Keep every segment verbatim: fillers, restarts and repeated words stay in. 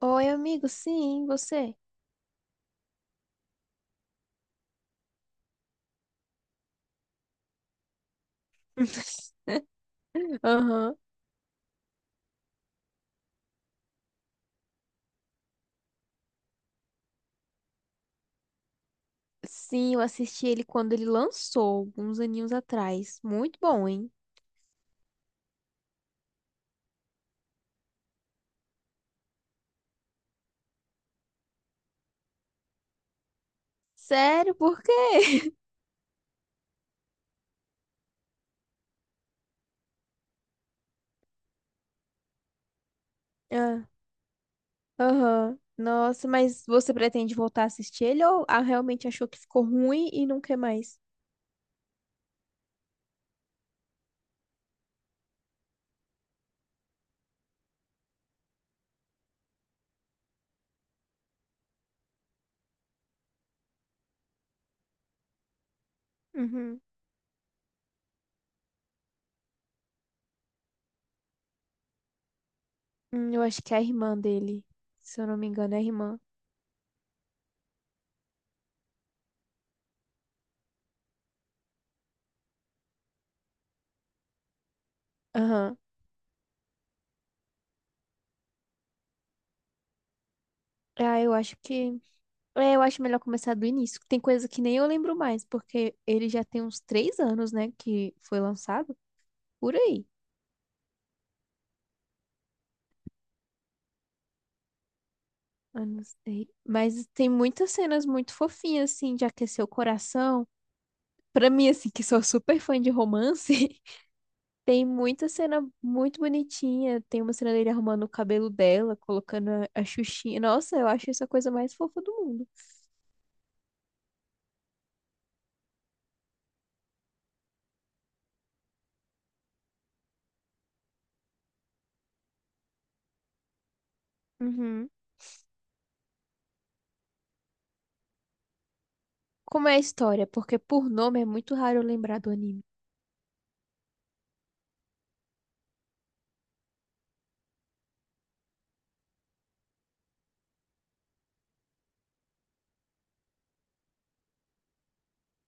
Oi, amigo, sim, você? Aham. Sim, eu assisti ele quando ele lançou, uns aninhos atrás. Muito bom, hein? Sério, por quê? Ah, aham. Nossa, mas você pretende voltar a assistir ele ou ah, realmente achou que ficou ruim e não quer mais? Uhum. Hum, eu acho que é a irmã dele. Se eu não me engano, é a irmã. Aham. Ah, eu acho que. É, eu acho melhor começar do início. Tem coisa que nem eu lembro mais, porque ele já tem uns três anos, né, que foi lançado. Por aí. Eu não sei. Mas tem muitas cenas muito fofinhas, assim, de aquecer o coração. Pra mim, assim, que sou super fã de romance, tem muita cena muito bonitinha. Tem uma cena dele arrumando o cabelo dela, colocando a, a xuxinha. Nossa, eu acho isso a coisa mais fofa do mundo. Uhum. Como é a história? Porque por nome é muito raro eu lembrar do anime.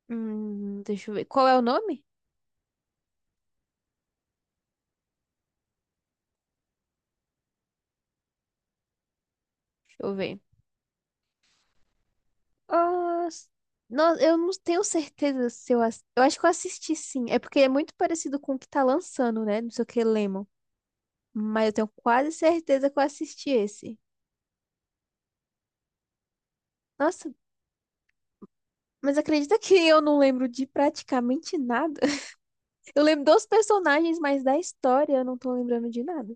Hum, deixa eu ver. Qual é o nome? Deixa eu ver. Ah, s- no- eu não tenho certeza se eu... ass- Eu acho que eu assisti sim. É porque é muito parecido com o que tá lançando, né? Não sei o que, Lemon. Mas eu tenho quase certeza que eu assisti esse. Nossa, mas acredita que eu não lembro de praticamente nada? Eu lembro dos personagens, mas da história eu não tô lembrando de nada.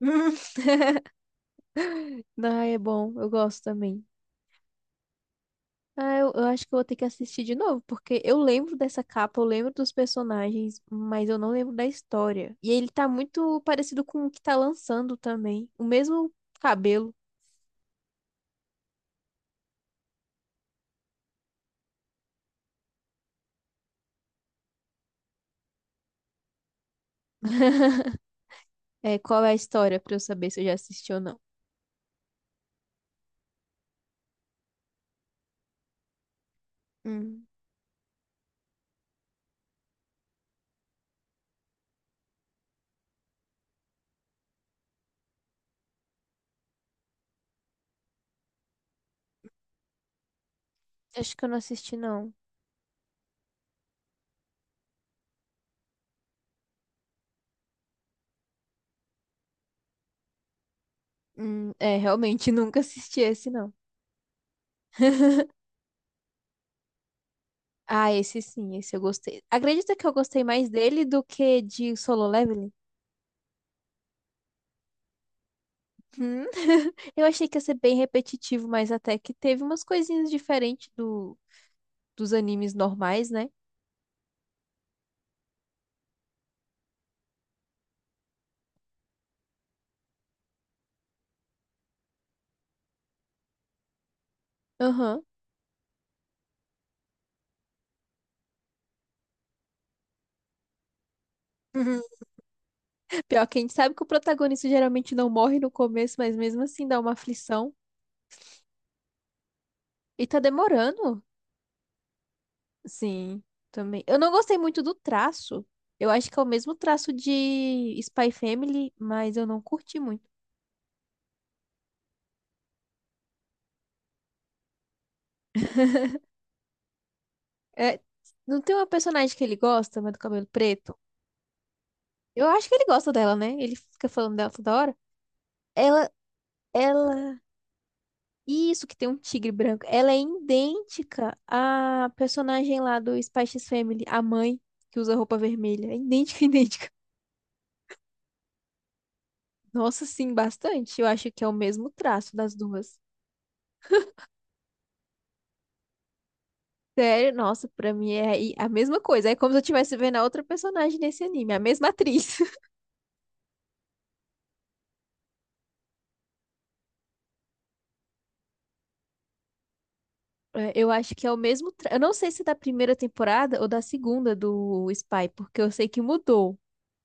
Ah, é bom. Eu gosto também. Ah, eu, eu acho que eu vou ter que assistir de novo, porque eu lembro dessa capa, eu lembro dos personagens, mas eu não lembro da história. E ele tá muito parecido com o que tá lançando também. O mesmo cabelo. É, qual é a história pra eu saber se eu já assisti ou não? Hum, acho que eu não assisti, não. Hum, é, realmente nunca assisti esse, não. Ah, esse sim, esse eu gostei. Acredita que eu gostei mais dele do que de Solo Leveling? Hum. Eu achei que ia ser bem repetitivo, mas até que teve umas coisinhas diferentes do, dos animes normais, né? Aham. Uhum. Pior que a gente sabe que o protagonista geralmente não morre no começo, mas mesmo assim dá uma aflição. E tá demorando. Sim. Também. Eu não gostei muito do traço. Eu acho que é o mesmo traço de Spy Family, mas eu não curti muito. É, não tem uma personagem que ele gosta, mas do cabelo preto? Eu acho que ele gosta dela, né? Ele fica falando dela toda hora. Ela, ela Isso, que tem um tigre branco. Ela é idêntica à personagem lá do Spice Family, a mãe que usa roupa vermelha. É idêntica, idêntica. Nossa, sim, bastante. Eu acho que é o mesmo traço das duas. Sério, nossa, pra mim é i- a mesma coisa. É como se eu estivesse vendo a outra personagem nesse anime, a mesma atriz. É, eu acho que é o mesmo. tra- Eu não sei se é da primeira temporada ou da segunda do Spy, porque eu sei que mudou.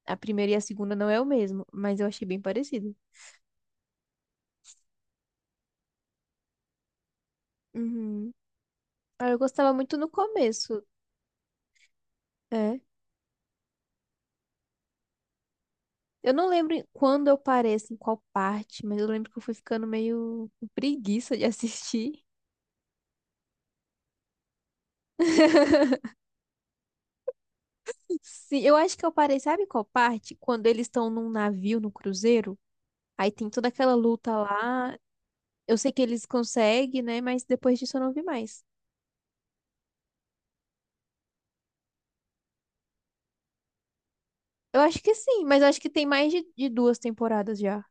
A primeira e a segunda não é o mesmo, mas eu achei bem parecido. Uhum. Ah, eu gostava muito no começo. É. Eu não lembro em- quando eu parei, assim, qual parte, mas eu lembro que eu fui ficando meio com preguiça de assistir. Sim, eu acho que eu parei, sabe qual parte? Quando eles estão num navio, no cruzeiro, aí tem toda aquela luta lá. Eu sei que eles conseguem, né? Mas depois disso eu não vi mais. Eu acho que sim, mas eu acho que tem mais de, de duas temporadas já.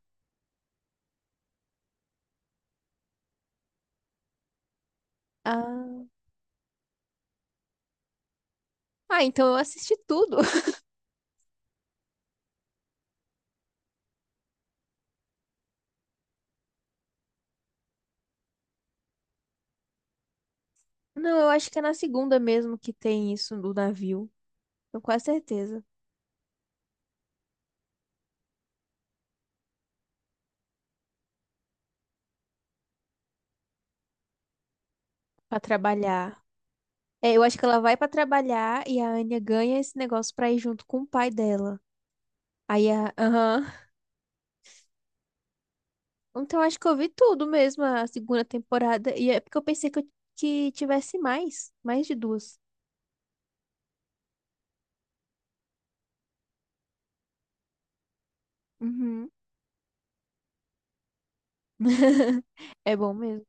Ah, ah, então eu assisti tudo. Não, eu acho que é na segunda mesmo que tem isso do navio. Tenho quase certeza. Pra trabalhar. É, eu acho que ela vai pra trabalhar e a Anya ganha esse negócio pra ir junto com o pai dela. Aí a. Aham. Então eu acho que eu vi tudo mesmo a segunda temporada. E é porque eu pensei que, eu- que tivesse mais. Mais de duas. Uhum. É bom mesmo.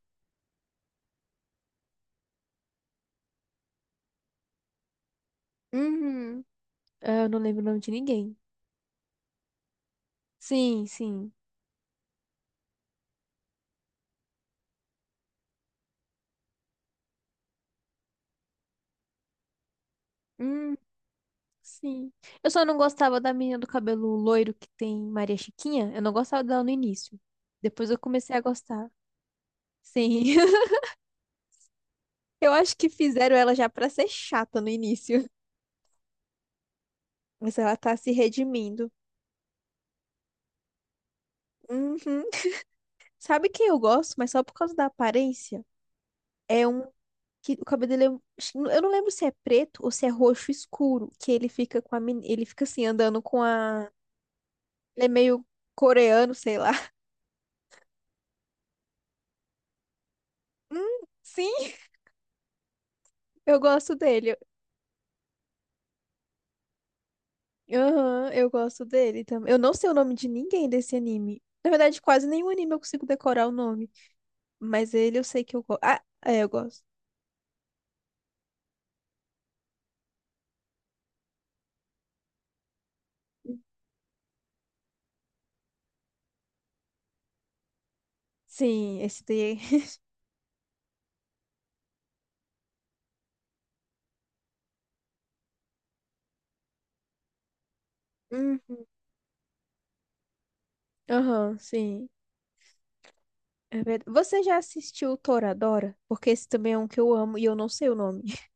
Uhum. Ah, eu não lembro o nome de ninguém. Sim, sim. Hum, sim. Eu só não gostava da menina do cabelo loiro que tem Maria Chiquinha. Eu não gostava dela no início. Depois eu comecei a gostar. Sim. Eu acho que fizeram ela já pra ser chata no início, mas ela tá se redimindo. Uhum. Sabe quem eu gosto, mas só por causa da aparência? É um que o cabelo dele é... Eu não lembro se é preto ou se é roxo escuro, que ele fica com a men... ele fica assim andando com a ele é meio coreano, sei lá. Hum, sim, eu gosto dele. Aham, eu gosto dele também. Eu não sei o nome de ninguém desse anime. Na verdade, quase nenhum anime eu consigo decorar o nome, mas ele eu sei que eu gosto. Ah, é, eu gosto. Sim, esse daí. Hum, aham, sim. É verdade. Você já assistiu o Toradora? Porque esse também é um que eu amo e eu não sei o nome.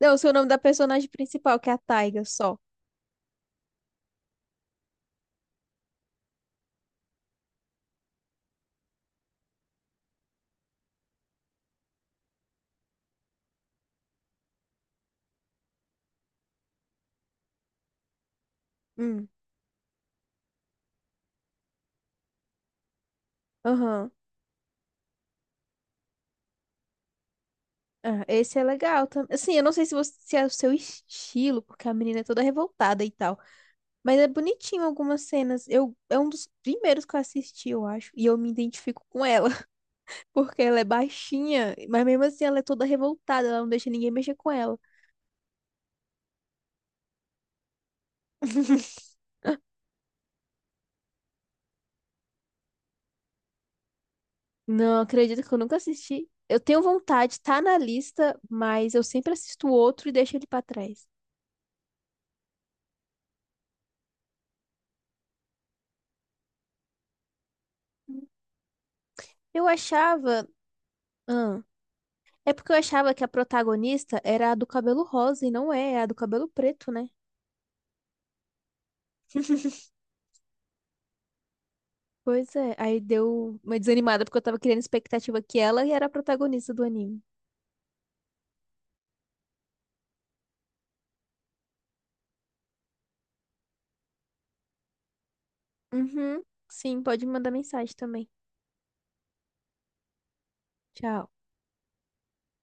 Não, eu sei o nome da personagem principal, que é a Taiga, só. Hum. Aham. Ah, esse é legal também. Assim, eu não sei se, você- se é o seu estilo, porque a menina é toda revoltada e tal. Mas é bonitinho algumas cenas. Eu, é um dos primeiros que eu assisti, eu acho. E eu me identifico com ela, porque ela é baixinha, mas mesmo assim ela é toda revoltada, ela não deixa ninguém mexer com ela. Não, acredito que eu nunca assisti. Eu tenho vontade, tá na lista, mas eu sempre assisto outro e deixo ele pra trás. Eu achava. Ah, é porque eu achava que a protagonista era a do cabelo rosa e não é, é a do cabelo preto, né? Pois é, aí deu uma desanimada porque eu tava criando expectativa que ela era a protagonista do anime. Uhum, sim, pode mandar mensagem também. Tchau.